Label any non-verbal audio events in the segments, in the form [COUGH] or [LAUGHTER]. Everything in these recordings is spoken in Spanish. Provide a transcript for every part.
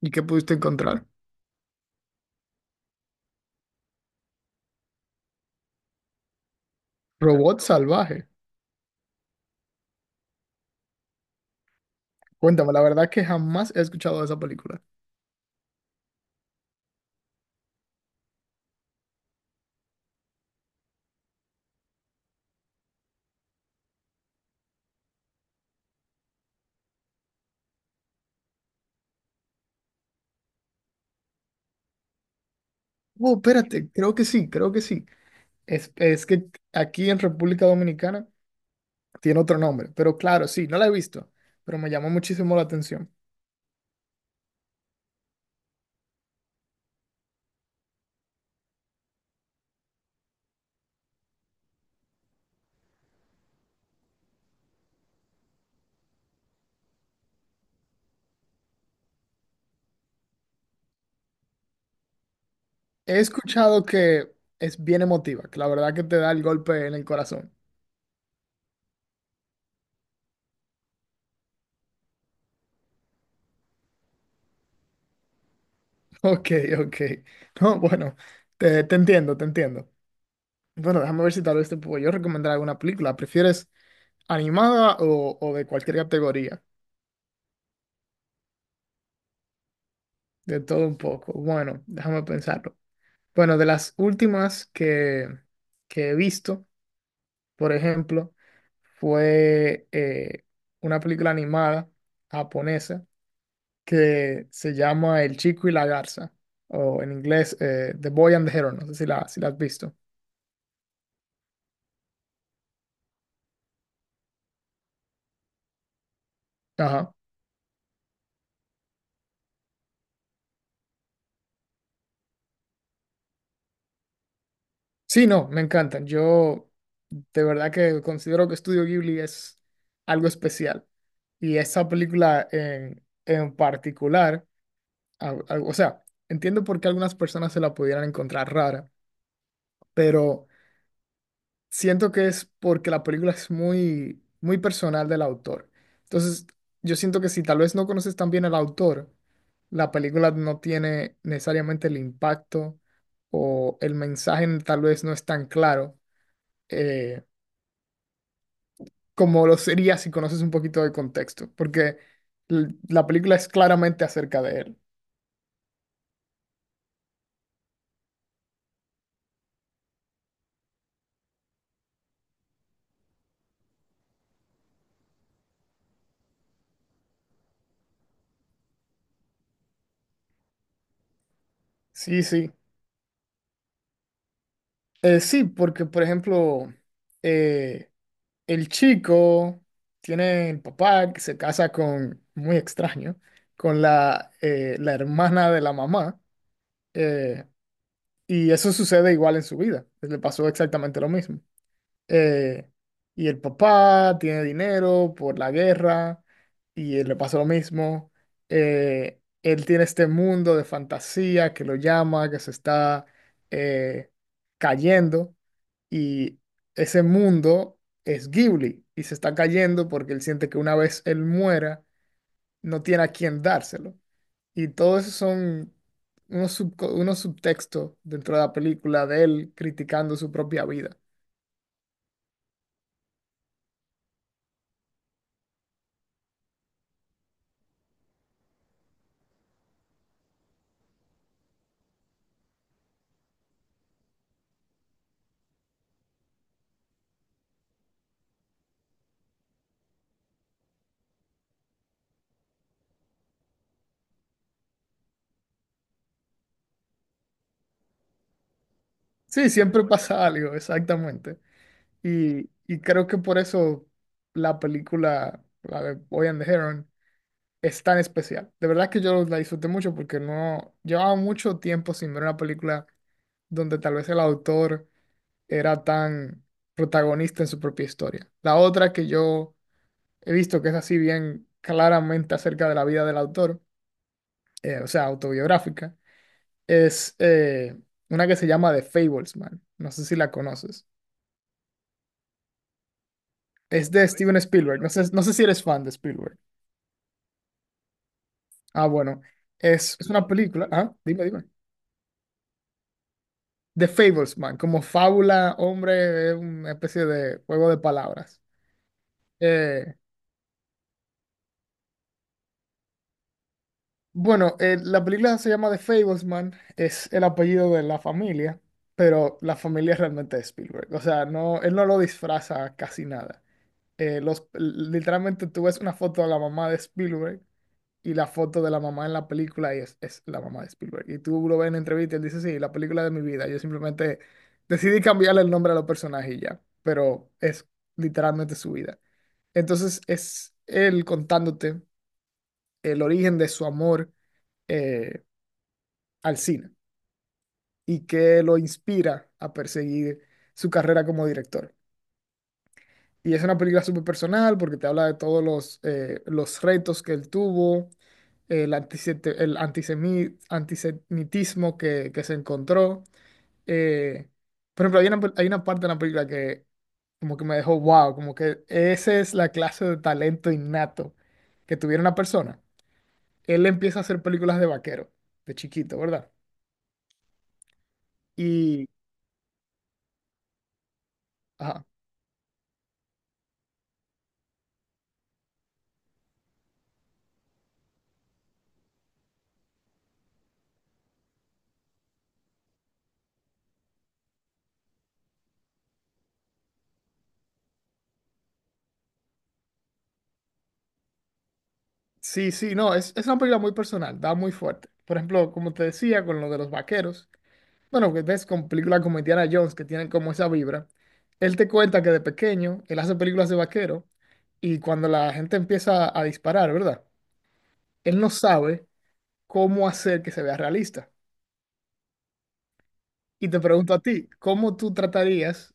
¿Y qué pudiste encontrar? Robot salvaje. Cuéntame, la verdad es que jamás he escuchado de esa película. Oh, espérate, creo que sí, creo que sí. Es que aquí en República Dominicana tiene otro nombre, pero claro, sí, no la he visto, pero me llamó muchísimo la atención. He escuchado que es bien emotiva, que la verdad que te da el golpe en el corazón. [LAUGHS] Ok, ok. No, bueno, te entiendo, te entiendo. Bueno, déjame ver si tal vez te puedo yo recomendar alguna película. ¿Prefieres animada o de cualquier categoría? De todo un poco. Bueno, déjame pensarlo. Bueno, de las últimas que he visto, por ejemplo, fue una película animada japonesa que se llama El Chico y la Garza, o en inglés The Boy and the Hero, no sé si la, si la has visto. Ajá. Sí, no, me encantan. Yo de verdad que considero que Studio Ghibli es algo especial. Y esa película en particular o sea, entiendo por qué algunas personas se la pudieran encontrar rara, pero siento que es porque la película es muy, muy personal del autor. Entonces, yo siento que si tal vez no conoces tan bien al autor, la película no tiene necesariamente el impacto o el mensaje tal vez no es tan claro eh, como lo sería si conoces un poquito de contexto, porque la película es claramente acerca de él. Sí, sí. Sí, porque por ejemplo, eh, el chico tiene el papá que se casa con, muy extraño, con la, la hermana de la mamá. eh, y eso sucede igual en su vida. Le pasó exactamente lo mismo eh, y el papá tiene dinero por la guerra y le pasa lo mismo. Él tiene este mundo de fantasía que lo llama, que se está eh, cayendo y ese mundo es Ghibli y se está cayendo porque él siente que una vez él muera no tiene a quién dárselo. Y todo eso son unos subtextos dentro de la película de él criticando su propia vida. Sí, siempre pasa algo, exactamente. Y creo que por eso la película, la de Boy and the Heron, es tan especial. De verdad que yo la disfruté mucho porque no llevaba mucho tiempo sin ver una película donde tal vez el autor era tan protagonista en su propia historia. La otra que yo he visto que es así bien claramente acerca de la vida del autor, o sea, autobiográfica, es una que se llama The Fablesman. No sé si la conoces. Es de Steven Spielberg. No sé, no sé si eres fan de Spielberg. Ah, bueno. Es una película. Ah, dime, dime. The Fablesman, como fábula, hombre, es una especie de juego de palabras. Eh, bueno, la película se llama The Fablesman, es el apellido de la familia, pero la familia realmente es Spielberg. O sea, no, él no lo disfraza casi nada. Los, literalmente tú ves una foto de la mamá de Spielberg y la foto de la mamá en la película y es la mamá de Spielberg. Y tú lo ves en entrevista y él dice, sí, la película de mi vida. Yo simplemente decidí cambiarle el nombre a los personajes y ya, pero es literalmente su vida. Entonces es él contándote el origen de su amor eh, al cine y que lo inspira a perseguir su carrera como director. Y es una película súper personal porque te habla de todos los retos que él tuvo el, antisete- el antisemi- antisemitismo que se encontró. Eh, por ejemplo, hay una parte de la película que como que me dejó wow, como que esa es la clase de talento innato que tuviera una persona. Él empieza a hacer películas de vaquero, de chiquito, ¿verdad? Y, ajá, sí, sí, no, es una película muy personal, da muy fuerte. Por ejemplo, como te decía, con lo de los vaqueros. Bueno, que ves con películas como Indiana Jones que tienen como esa vibra. Él te cuenta que de pequeño él hace películas de vaquero y cuando la gente empieza a disparar, ¿verdad? Él no sabe cómo hacer que se vea realista. Y te pregunto a ti, ¿cómo tú tratarías,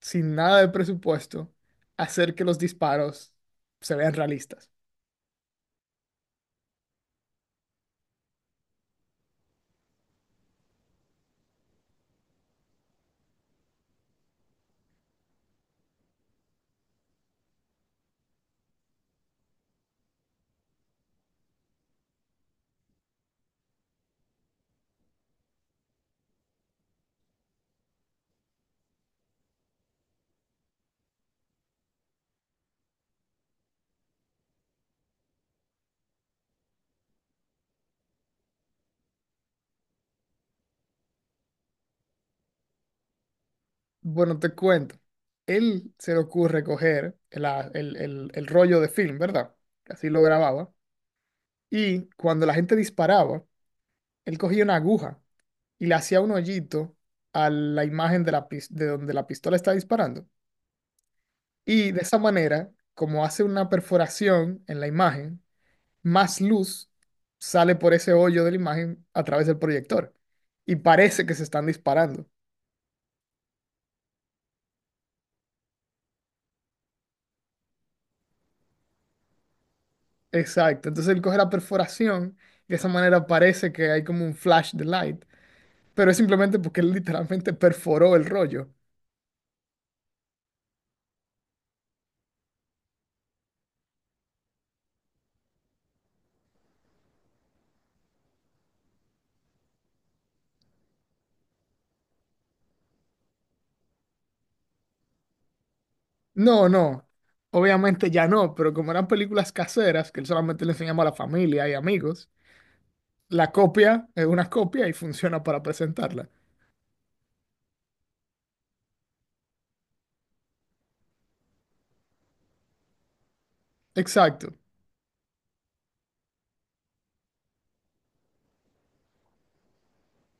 sin nada de presupuesto, hacer que los disparos se vean realistas? Bueno, te cuento. Él se le ocurre coger el rollo de film, ¿verdad? Que así lo grababa. Y cuando la gente disparaba, él cogía una aguja y le hacía un hoyito a la imagen de, de donde la pistola está disparando. Y de esa manera, como hace una perforación en la imagen, más luz sale por ese hoyo de la imagen a través del proyector. Y parece que se están disparando. Exacto. Entonces él coge la perforación y de esa manera parece que hay como un flash de light. Pero es simplemente porque él literalmente perforó el rollo. No, no. Obviamente ya no, pero como eran películas caseras, que él solamente le enseñaba a la familia y amigos, la copia es una copia y funciona para presentarla. Exacto.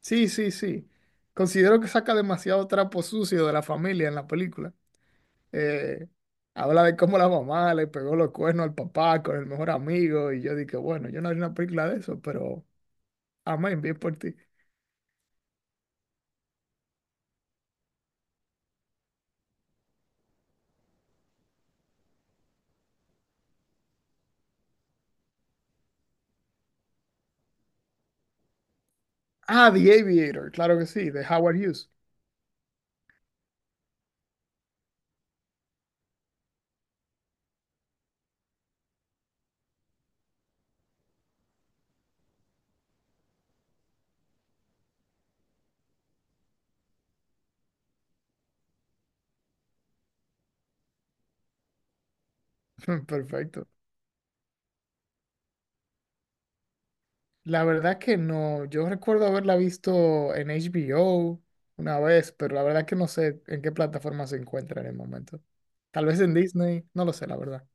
Sí, sí, sí. Considero que saca demasiado trapo sucio de la familia en la película. Eh, Habla de cómo la mamá le pegó los cuernos al papá con el mejor amigo y yo dije, bueno, yo no haría una película de eso, pero amén, bien por ti. Ah, The Aviator, claro que sí, de Howard Hughes. [LAUGHS] Perfecto. La verdad que no, yo recuerdo haberla visto en HBO una vez, pero la verdad que no sé en qué plataforma se encuentra en el momento. Tal vez en Disney, no lo sé, la verdad.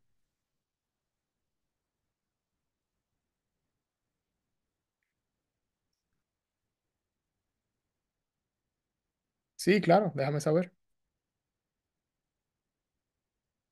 Sí, claro, déjame saber.